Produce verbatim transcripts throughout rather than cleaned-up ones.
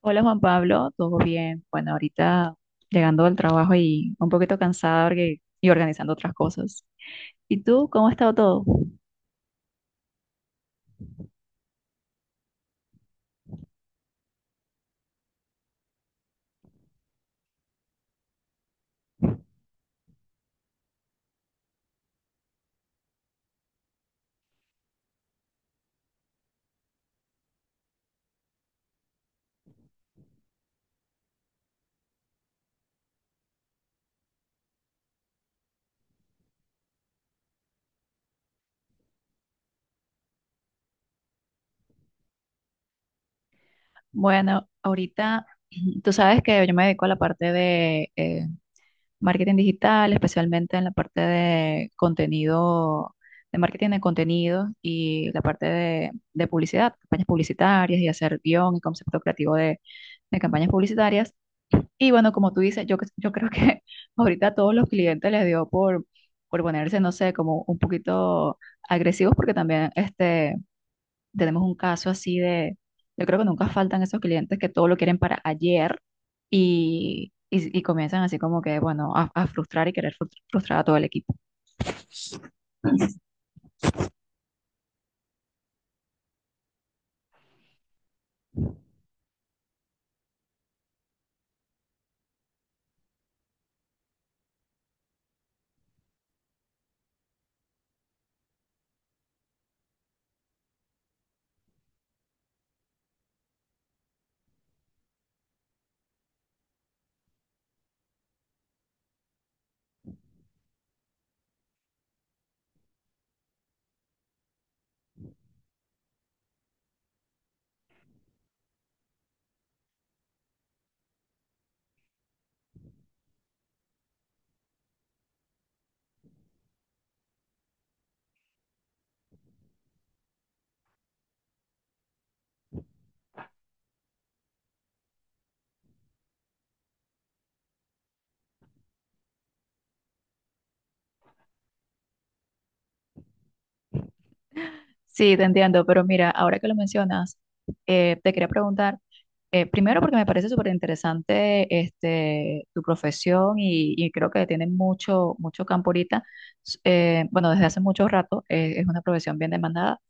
Hola Juan Pablo, ¿todo bien? Bueno, ahorita llegando al trabajo y un poquito cansada porque- y organizando otras cosas. ¿Y tú, cómo ha estado todo? Bueno, ahorita tú sabes que yo me dedico a la parte de eh, marketing digital, especialmente en la parte de contenido, de marketing de contenido y la parte de, de publicidad, campañas publicitarias y hacer guión y concepto creativo de de campañas publicitarias. Y bueno, como tú dices, yo, cre- yo creo que ahorita a todos los clientes les dio por, por ponerse, no sé, como un poquito agresivos, porque también este, tenemos un caso así de, yo creo que nunca faltan esos clientes que todo lo quieren para ayer y, y, y comienzan así como que, bueno, a, a frustrar y querer frus- frustrar a todo el equipo. Sí, te entiendo, pero mira, ahora que lo mencionas, eh, te quería preguntar, eh, primero porque me parece súper interesante este, tu profesión y, y creo que tiene mucho, mucho campo ahorita, S- eh, bueno, desde hace mucho rato, eh, es una profesión bien demandada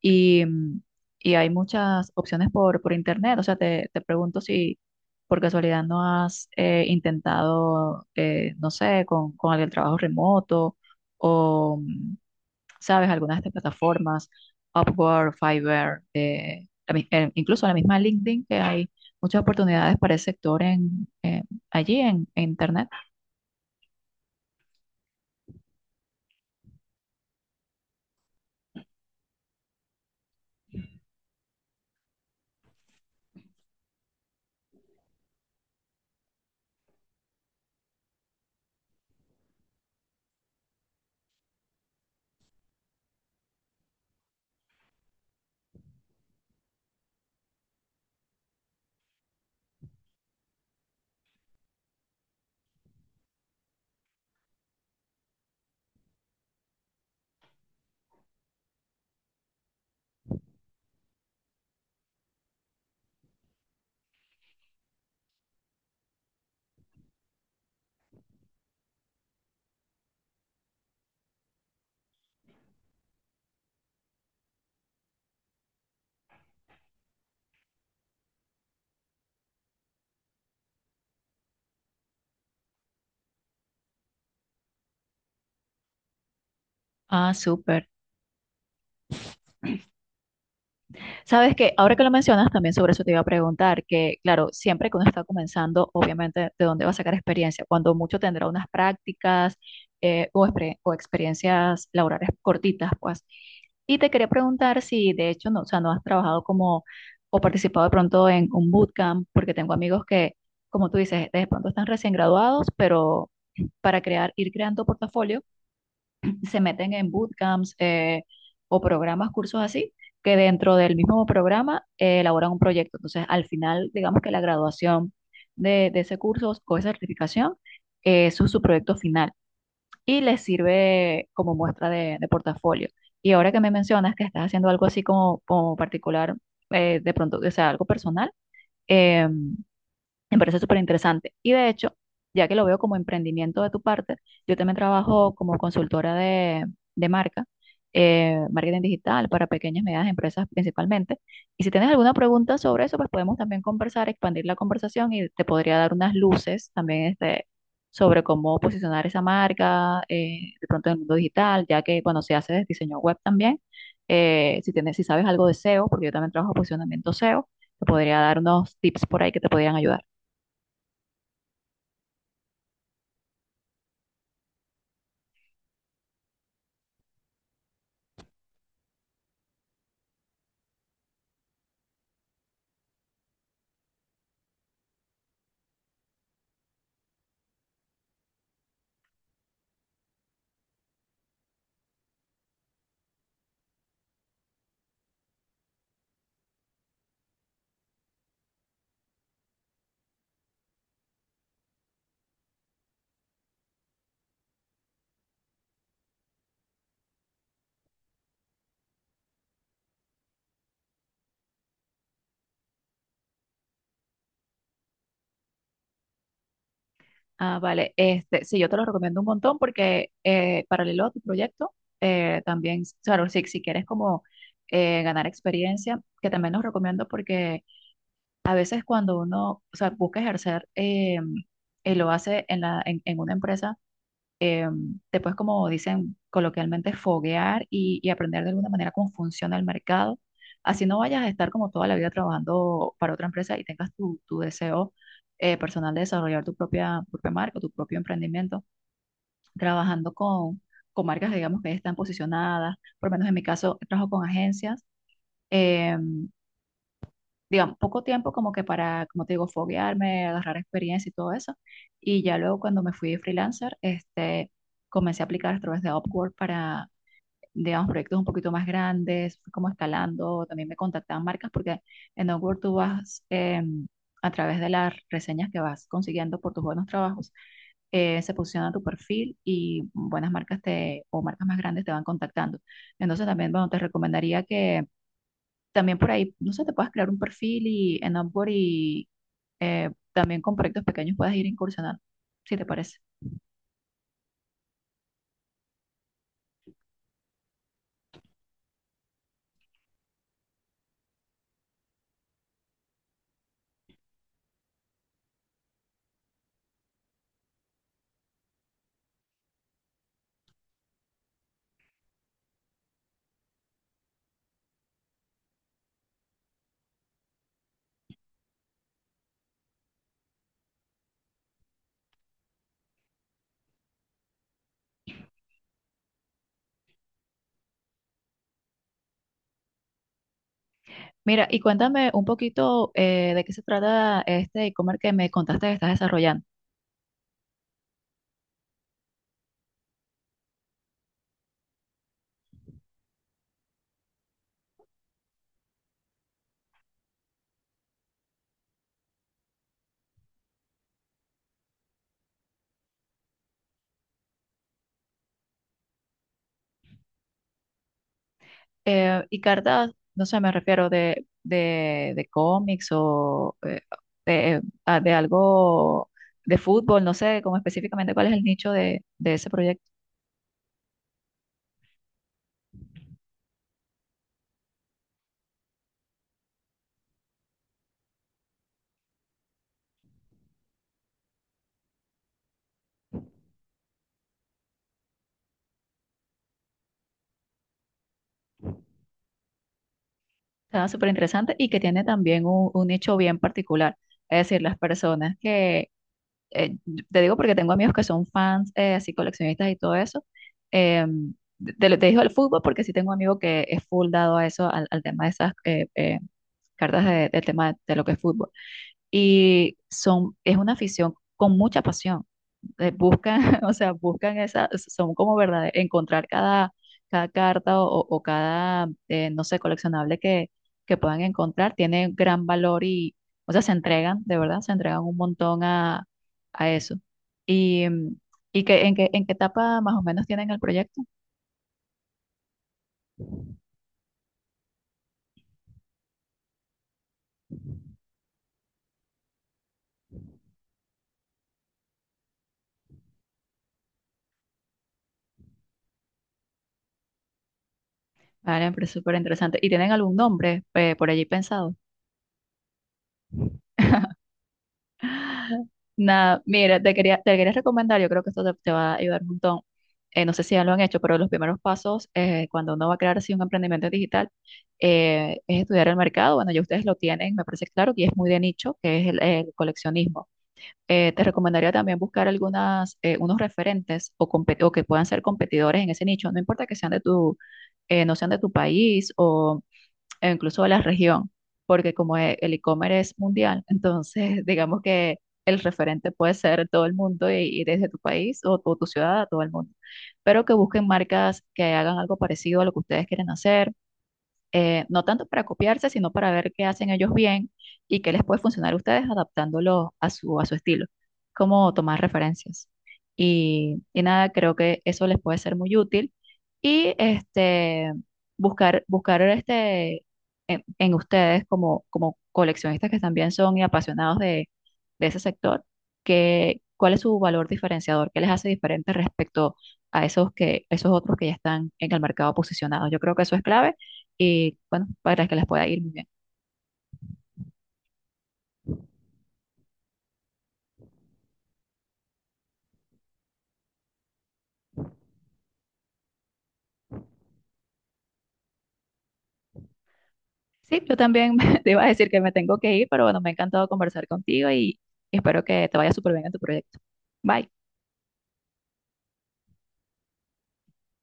y, mm, y hay muchas opciones por, por internet, o sea, te, te pregunto si por casualidad no has eh, intentado, eh, no sé, con, con el trabajo remoto. ¿Sabes? Algunas de estas plataformas, Upwork, Fiverr, eh, la mi- eh, incluso la misma LinkedIn, que hay muchas oportunidades para el sector en, eh, allí en, en Internet. Ah, súper. Sabes que ahora que lo mencionas, también sobre eso te iba a preguntar, que claro, siempre que uno está comenzando, obviamente, ¿de dónde va a sacar experiencia? Cuando mucho tendrá unas prácticas eh, o, expre- o experiencias laborales cortitas, pues. Y te quería preguntar si de hecho, no, o sea, no has trabajado como o participado de pronto en un bootcamp, porque tengo amigos que, como tú dices, de pronto están recién graduados, pero para crear, ir creando portafolio se meten en bootcamps eh, o programas, cursos así, que dentro del mismo programa eh, elaboran un proyecto. Entonces, al final, digamos que la graduación de, de ese curso o esa certificación, eh, eso es su proyecto final y les sirve como muestra de, de portafolio. Y ahora que me mencionas que estás haciendo algo así como, como particular, eh, de pronto, o sea, algo personal, em, me parece súper interesante. Y de hecho, ya que lo veo como emprendimiento de tu parte, yo también trabajo como consultora de, de marca, eh, marketing digital para pequeñas y medianas empresas principalmente. Y si tienes alguna pregunta sobre eso, pues podemos también conversar, expandir la conversación y te podría dar unas luces también este, sobre cómo posicionar esa marca eh, de pronto en el mundo digital, ya que cuando se hace diseño web también, eh, si tienes, si sabes algo de S E O, porque yo también trabajo posicionamiento S E O, te podría dar unos tips por ahí que te podrían ayudar. Ah, vale. Este, sí, yo te lo recomiendo un montón porque eh, paralelo a tu proyecto, eh, también, claro, si, si quieres como eh, ganar experiencia, que también los recomiendo porque a veces cuando uno, o sea, busca ejercer eh, y lo hace en la, en, en una empresa, eh, te puedes, como dicen coloquialmente, foguear y, y aprender de alguna manera cómo funciona el mercado. Así no vayas a estar como toda la vida trabajando para otra empresa y tengas tu, tu deseo eh, personal de desarrollar tu propia, tu propia marca, tu propio emprendimiento, trabajando con, con marcas, digamos, que ya están posicionadas. Por lo menos en mi caso, trabajo con agencias. em, digamos, poco tiempo como que para, como te digo, foguearme, agarrar experiencia y todo eso. Y ya luego cuando me fui freelancer, este, comencé a aplicar a través de Upwork para, digamos, proyectos un poquito más grandes, fui como escalando, también me contactaban marcas porque en Upwork tú vas eh, a través de las reseñas que vas consiguiendo por tus buenos trabajos. Eh, se posiciona tu perfil y buenas marcas te, o marcas más grandes te van contactando. Entonces también, bueno, te recomendaría que, también por ahí, no sé, te puedes crear un perfil y en Upwork y eh, también con proyectos pequeños puedes ir incursionando, si te parece. Mira, y cuéntame un poquito eh, de qué se trata este e-commerce que me contaste que estás desarrollando. Eh, y cartas, no sé, me refiero de, de, de cómics o eh, de, ah, de algo de fútbol, no sé como específicamente cuál es el nicho de, de ese proyecto. Está súper interesante y que tiene también un, un nicho bien particular. Es decir, las personas que eh, te digo porque tengo amigos que son fans, eh, así coleccionistas y todo eso. Eh, te, te digo el fútbol porque sí tengo un amigo que es full dado a eso, al, al tema de esas eh, eh, cartas de- del tema de, de lo que es fútbol. Y son, es una afición con mucha pasión eh, buscan, o sea, buscan esa, son como verdad, encontrar cada, cada carta o, o o cada, eh, no sé, coleccionable que, que puedan encontrar, tiene gran valor y, o sea, se entregan, de verdad, se entregan un montón a, a eso. Y, mm, y que, en qué, en qué etapa más o menos tienen el proyecto. Vale, me parece súper interesante. ¿Y tienen algún nombre eh, por allí pensado? Nada, mira, te quería, te quería recomendar, yo creo que esto te, te va a ayudar un montón. Eh, no sé si ya lo han hecho, pero los primeros pasos eh, cuando uno va a crear así un emprendimiento digital eh, es estudiar el mercado. Bueno, ya ustedes lo tienen, me parece claro, y es muy de nicho, que es el, el coleccionismo. Eh, te recomendaría también buscar algunas, eh, unos referentes o, compe- o que puedan ser competidores en ese nicho, no importa que sean de tu, eh, no sean de tu país o e incluso de la región, porque como e- el e-commerce es mundial, entonces digamos que el referente puede ser todo el mundo y, y desde tu país o tu, tu ciudad a todo el mundo, pero que busquen marcas que hagan algo parecido a lo que ustedes quieren hacer eh, no tanto para copiarse, sino para ver qué hacen ellos bien y qué les puede funcionar a ustedes adaptándolo a su, a su estilo, como tomar referencias. Y, y nada, creo que eso les puede ser muy útil. Y este, buscar, buscar este, en, en ustedes como, como coleccionistas que también son y apasionados de, de ese sector, que, cuál es su valor diferenciador, qué les hace diferente respecto a esos, que, esos otros que ya están en el mercado posicionados. Yo creo que eso es clave y bueno, para que les pueda ir muy bien. Sí, yo también te iba a decir que me tengo que ir, pero bueno, me ha encantado conversar contigo y espero que te vaya súper bien en tu proyecto. Bye.